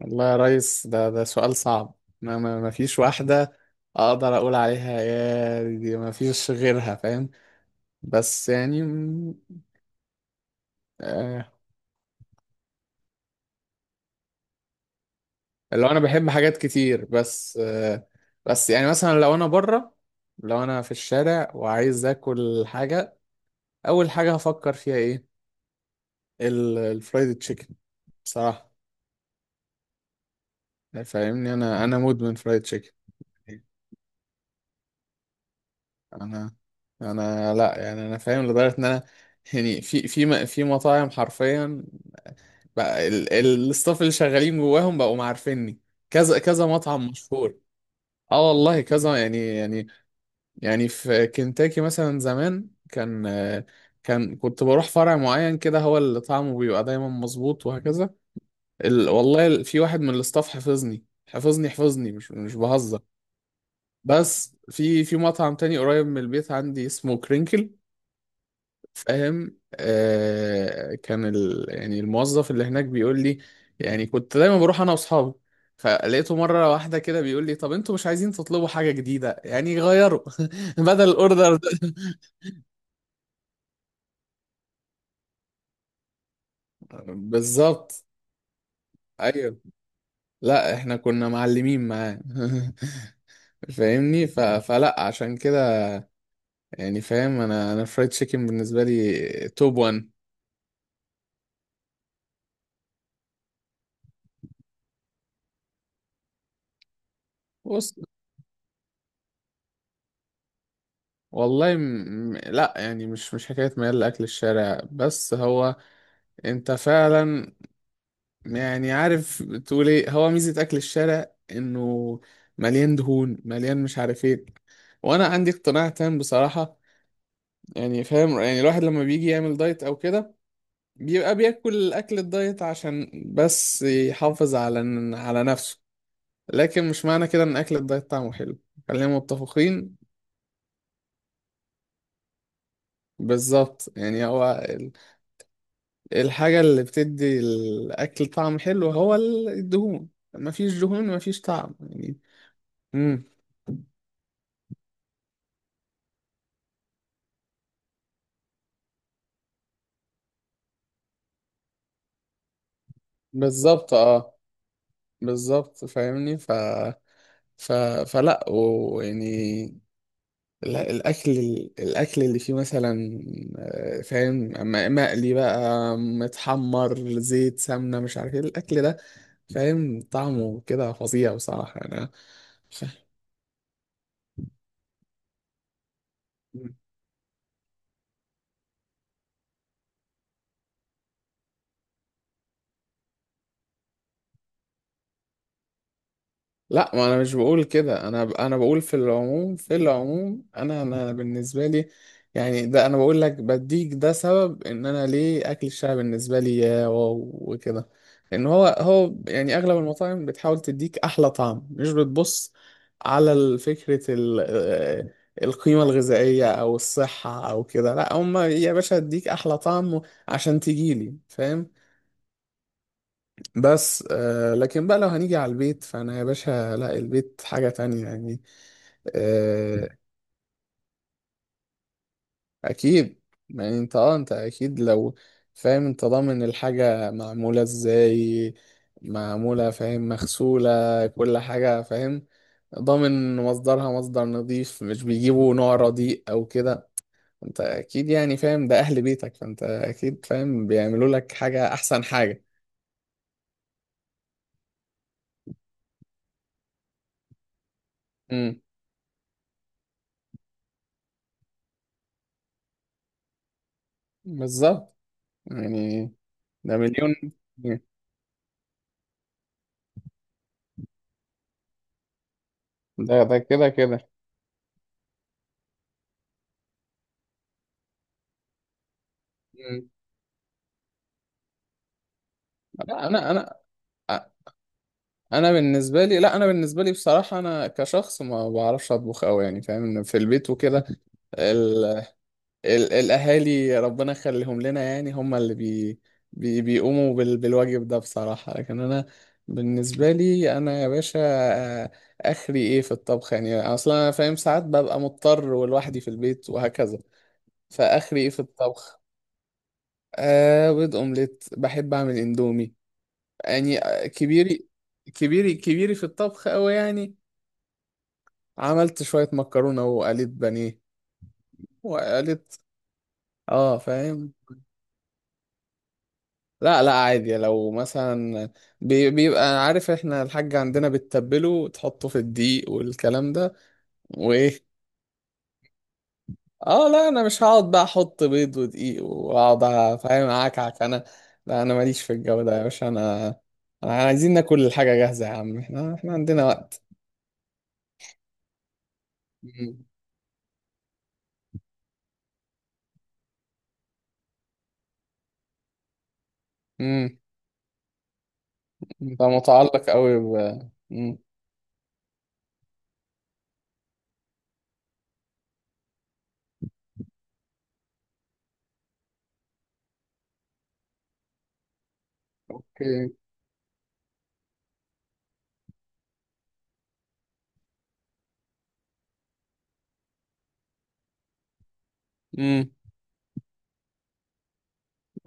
والله يا ريس، ده سؤال صعب. ما فيش واحدة أقدر أقول عليها، يا دي ما فيش غيرها، فاهم؟ بس يعني آه، اللي هو أنا بحب حاجات كتير بس آه، بس يعني مثلا لو أنا بره، لو أنا في الشارع وعايز آكل حاجة، أول حاجة هفكر فيها إيه؟ الفرايد تشيكن بصراحة. فاهمني؟ أنا مدمن فرايد تشيكن. انا انا لا يعني، انا فاهم لدرجه ان انا يعني في مطاعم حرفيا بقى، الستاف اللي شغالين جواهم بقوا عارفيني، كذا كذا مطعم مشهور. اه والله كذا يعني، يعني في كنتاكي مثلا زمان كان، كنت بروح فرع معين كده، هو اللي طعمه بيبقى دايما مظبوط، وهكذا. والله في واحد من الاستاف حفظني حفظني حفظني، مش بهزر. بس في مطعم تاني قريب من البيت عندي اسمه كرينكل، فاهم؟ آه، كان يعني الموظف اللي هناك بيقول لي، يعني كنت دايما بروح انا واصحابي، فلقيته مره واحده كده بيقول لي طب انتوا مش عايزين تطلبوا حاجه جديده يعني، غيروا. بدل الاوردر ده. بالظبط. ايوه. لا احنا كنا معلمين معاه. فاهمني؟ فلا، عشان كده يعني فاهم، انا فرايد تشيكن بالنسبه لي توب 1. بص، والله لا يعني، مش حكايه ميال لاكل الشارع، بس هو انت فعلا يعني، عارف تقول ايه، هو ميزة اكل الشارع انه مليان دهون، مليان مش عارف ايه. وانا عندي اقتناع تام بصراحة. يعني فاهم، يعني الواحد لما بيجي يعمل دايت او كده بيبقى بياكل اكل الدايت عشان بس يحافظ على نفسه، لكن مش معنى كده ان اكل الدايت طعمه حلو. خلينا متفقين. بالظبط، يعني هو الحاجة اللي بتدي الاكل طعم حلو هو الدهون. مفيش دهون مفيش طعم يعني. امم بالظبط. اه، بالظبط فاهمني؟ ف... فلا ويعني، لا، الاكل اللي فيه مثلا آه، فاهم، مقلي بقى، متحمر، زيت، سمنه، مش عارف ايه الاكل ده، فاهم طعمه كده فظيع بصراحه. انا لا، ما انا مش بقول كده، انا بقول في العموم، في العموم انا بالنسبه لي يعني، ده انا بقول لك بديك ده سبب ان انا ليه اكل الشارع بالنسبه لي يا واو وكده. لان هو يعني اغلب المطاعم بتحاول تديك احلى طعم، مش بتبص على فكره آه، القيمه الغذائيه او الصحه او كده، لا هم يا باشا اديك احلى طعم عشان تجيلي، فاهم. بس آه، لكن بقى لو هنيجي على البيت فانا يا باشا لا، البيت حاجة تانية يعني. آه، اكيد. يعني انت اكيد لو، فاهم، انت ضامن الحاجة معمولة ازاي، معمولة فاهم، مغسولة، كل حاجة فاهم، ضامن مصدرها مصدر نظيف، مش بيجيبوا نوع رديء او كده. انت اكيد يعني فاهم، ده اهل بيتك، فانت اكيد فاهم بيعملوا لك حاجة احسن حاجة. امم بالظبط يعني. ده مليون. ده كده كده. مم. لا انا بالنسبه لي، لا انا بالنسبه لي بصراحه، انا كشخص ما بعرفش اطبخ قوي يعني فاهم، إن في البيت وكده ال... الاهالي ربنا يخليهم لنا، يعني هم اللي بيقوموا بالواجب ده بصراحه، لكن انا بالنسبه لي انا يا باشا آه، اخري ايه في الطبخ يعني، اصلا انا فاهم ساعات ببقى مضطر ولوحدي في البيت وهكذا، فاخري ايه في الطبخ. آه، بيض اومليت، بحب اعمل اندومي، يعني آه، كبيري كبيري كبيري في الطبخ قوي يعني. عملت شوية مكرونة وقليت بانيه، وقليت. اه فاهم. لا لا، عادي لو مثلا، بيبقى عارف، احنا الحاج عندنا بتتبله وتحطه في الدقيق والكلام ده، وايه. اه لا، انا مش هقعد بقى احط بيض ودقيق واقعد فاهم اعكعك انا، لا انا ماليش في الجو ده يا باشا، انا انا عايزين ناكل الحاجة جاهزة يا عم، احنا عندنا وقت. مم. مم. انت متعلق قوي ب. مم. اوكي. مم.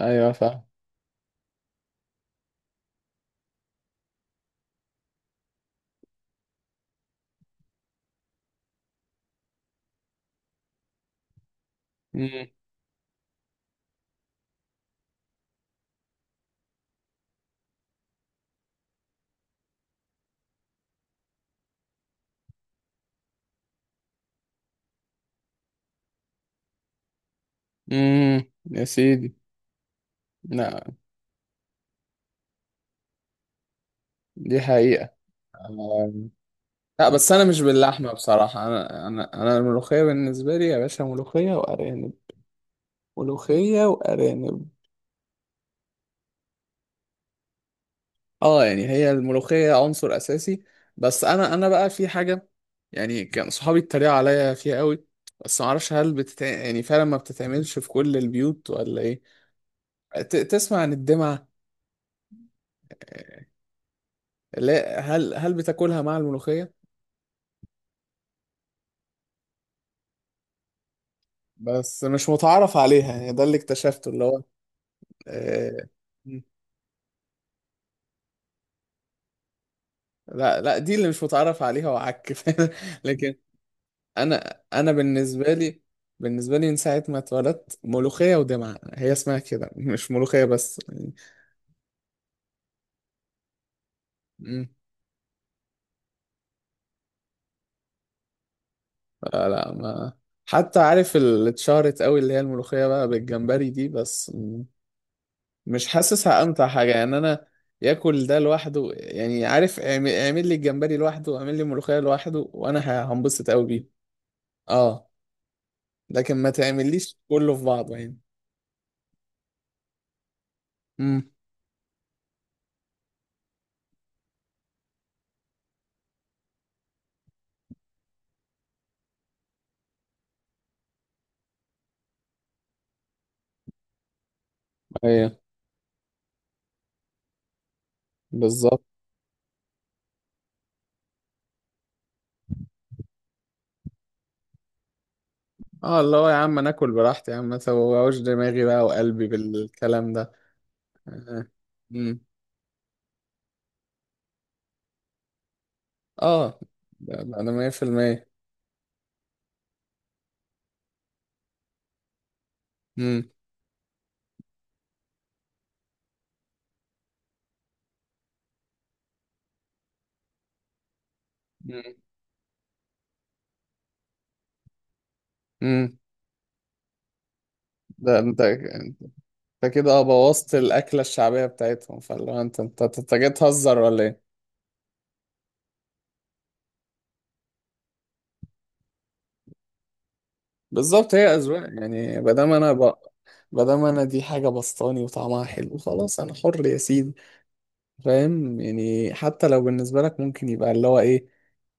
ايوه فاهم. مم. مم. يا سيدي. لا، دي حقيقة. آه، لا بس انا مش باللحمة بصراحة، انا الملوخية بالنسبة لي يا باشا، ملوخية وارانب، ملوخية وارانب. اه، يعني هي الملوخية عنصر اساسي. بس انا بقى في حاجة، يعني كان صحابي اتريقوا عليا فيها قوي، بس معرفش، هل يعني فعلا ما بتتعملش في كل البيوت ولا ايه؟ تسمع عن الدمعة؟ لا، هل بتاكلها مع الملوخية؟ بس مش متعرف عليها يعني، ده اللي اكتشفته، اللي هو آه، لا لا، دي اللي مش متعرف عليها، وعك فاهم؟ لكن انا بالنسبة لي، بالنسبة لي من ساعة ما اتولدت ملوخية ودمعة هي اسمها كده، مش ملوخية بس يعني. مم. لا لا، ما حتى عارف اللي اتشهرت قوي اللي هي الملوخية بقى بالجمبري دي، بس مش حاسسها امتع حاجه يعني. انا ياكل ده لوحده يعني، عارف اعمل لي الجمبري لوحده، اعمل لي ملوخيه لوحده، وانا هنبسط قوي بيه. اه، لكن ما تعمليش كله في بعضه يعني. امم ايوه بالظبط. اه اللي هو يا عم، انا اكل براحتي يا عم، ما توجعوش دماغي بقى وقلبي بالكلام ده. اه. امم اه، ده انا 100%. امم امم امم ده انت كده اه بوظت الاكله الشعبيه بتاعتهم، فاللي هو انت انت أنت جاي تهزر ولا ايه؟ بالظبط، هي أذواق يعني، ما دام انا ما دام انا دي حاجة بسطاني وطعمها حلو، خلاص انا حر يا سيدي. فاهم؟ يعني حتى لو بالنسبة لك ممكن يبقى اللي هو ايه،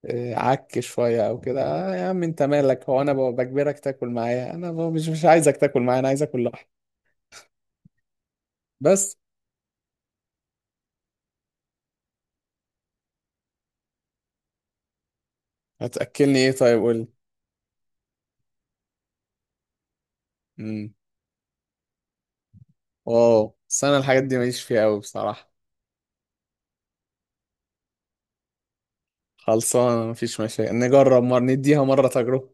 آه، عك شوية او كده، آه يا عم انت مالك؟ هو انا بجبرك تاكل معايا؟ انا مش عايزك تاكل معايا، انا عايز اكل لوحدي. بس هتأكلني ايه طيب، قول لي. امم واو، بس انا الحاجات دي ماليش فيها قوي بصراحة. خلصانة، مفيش مشاكل، نجرب مرة، نديها مرة تجربة.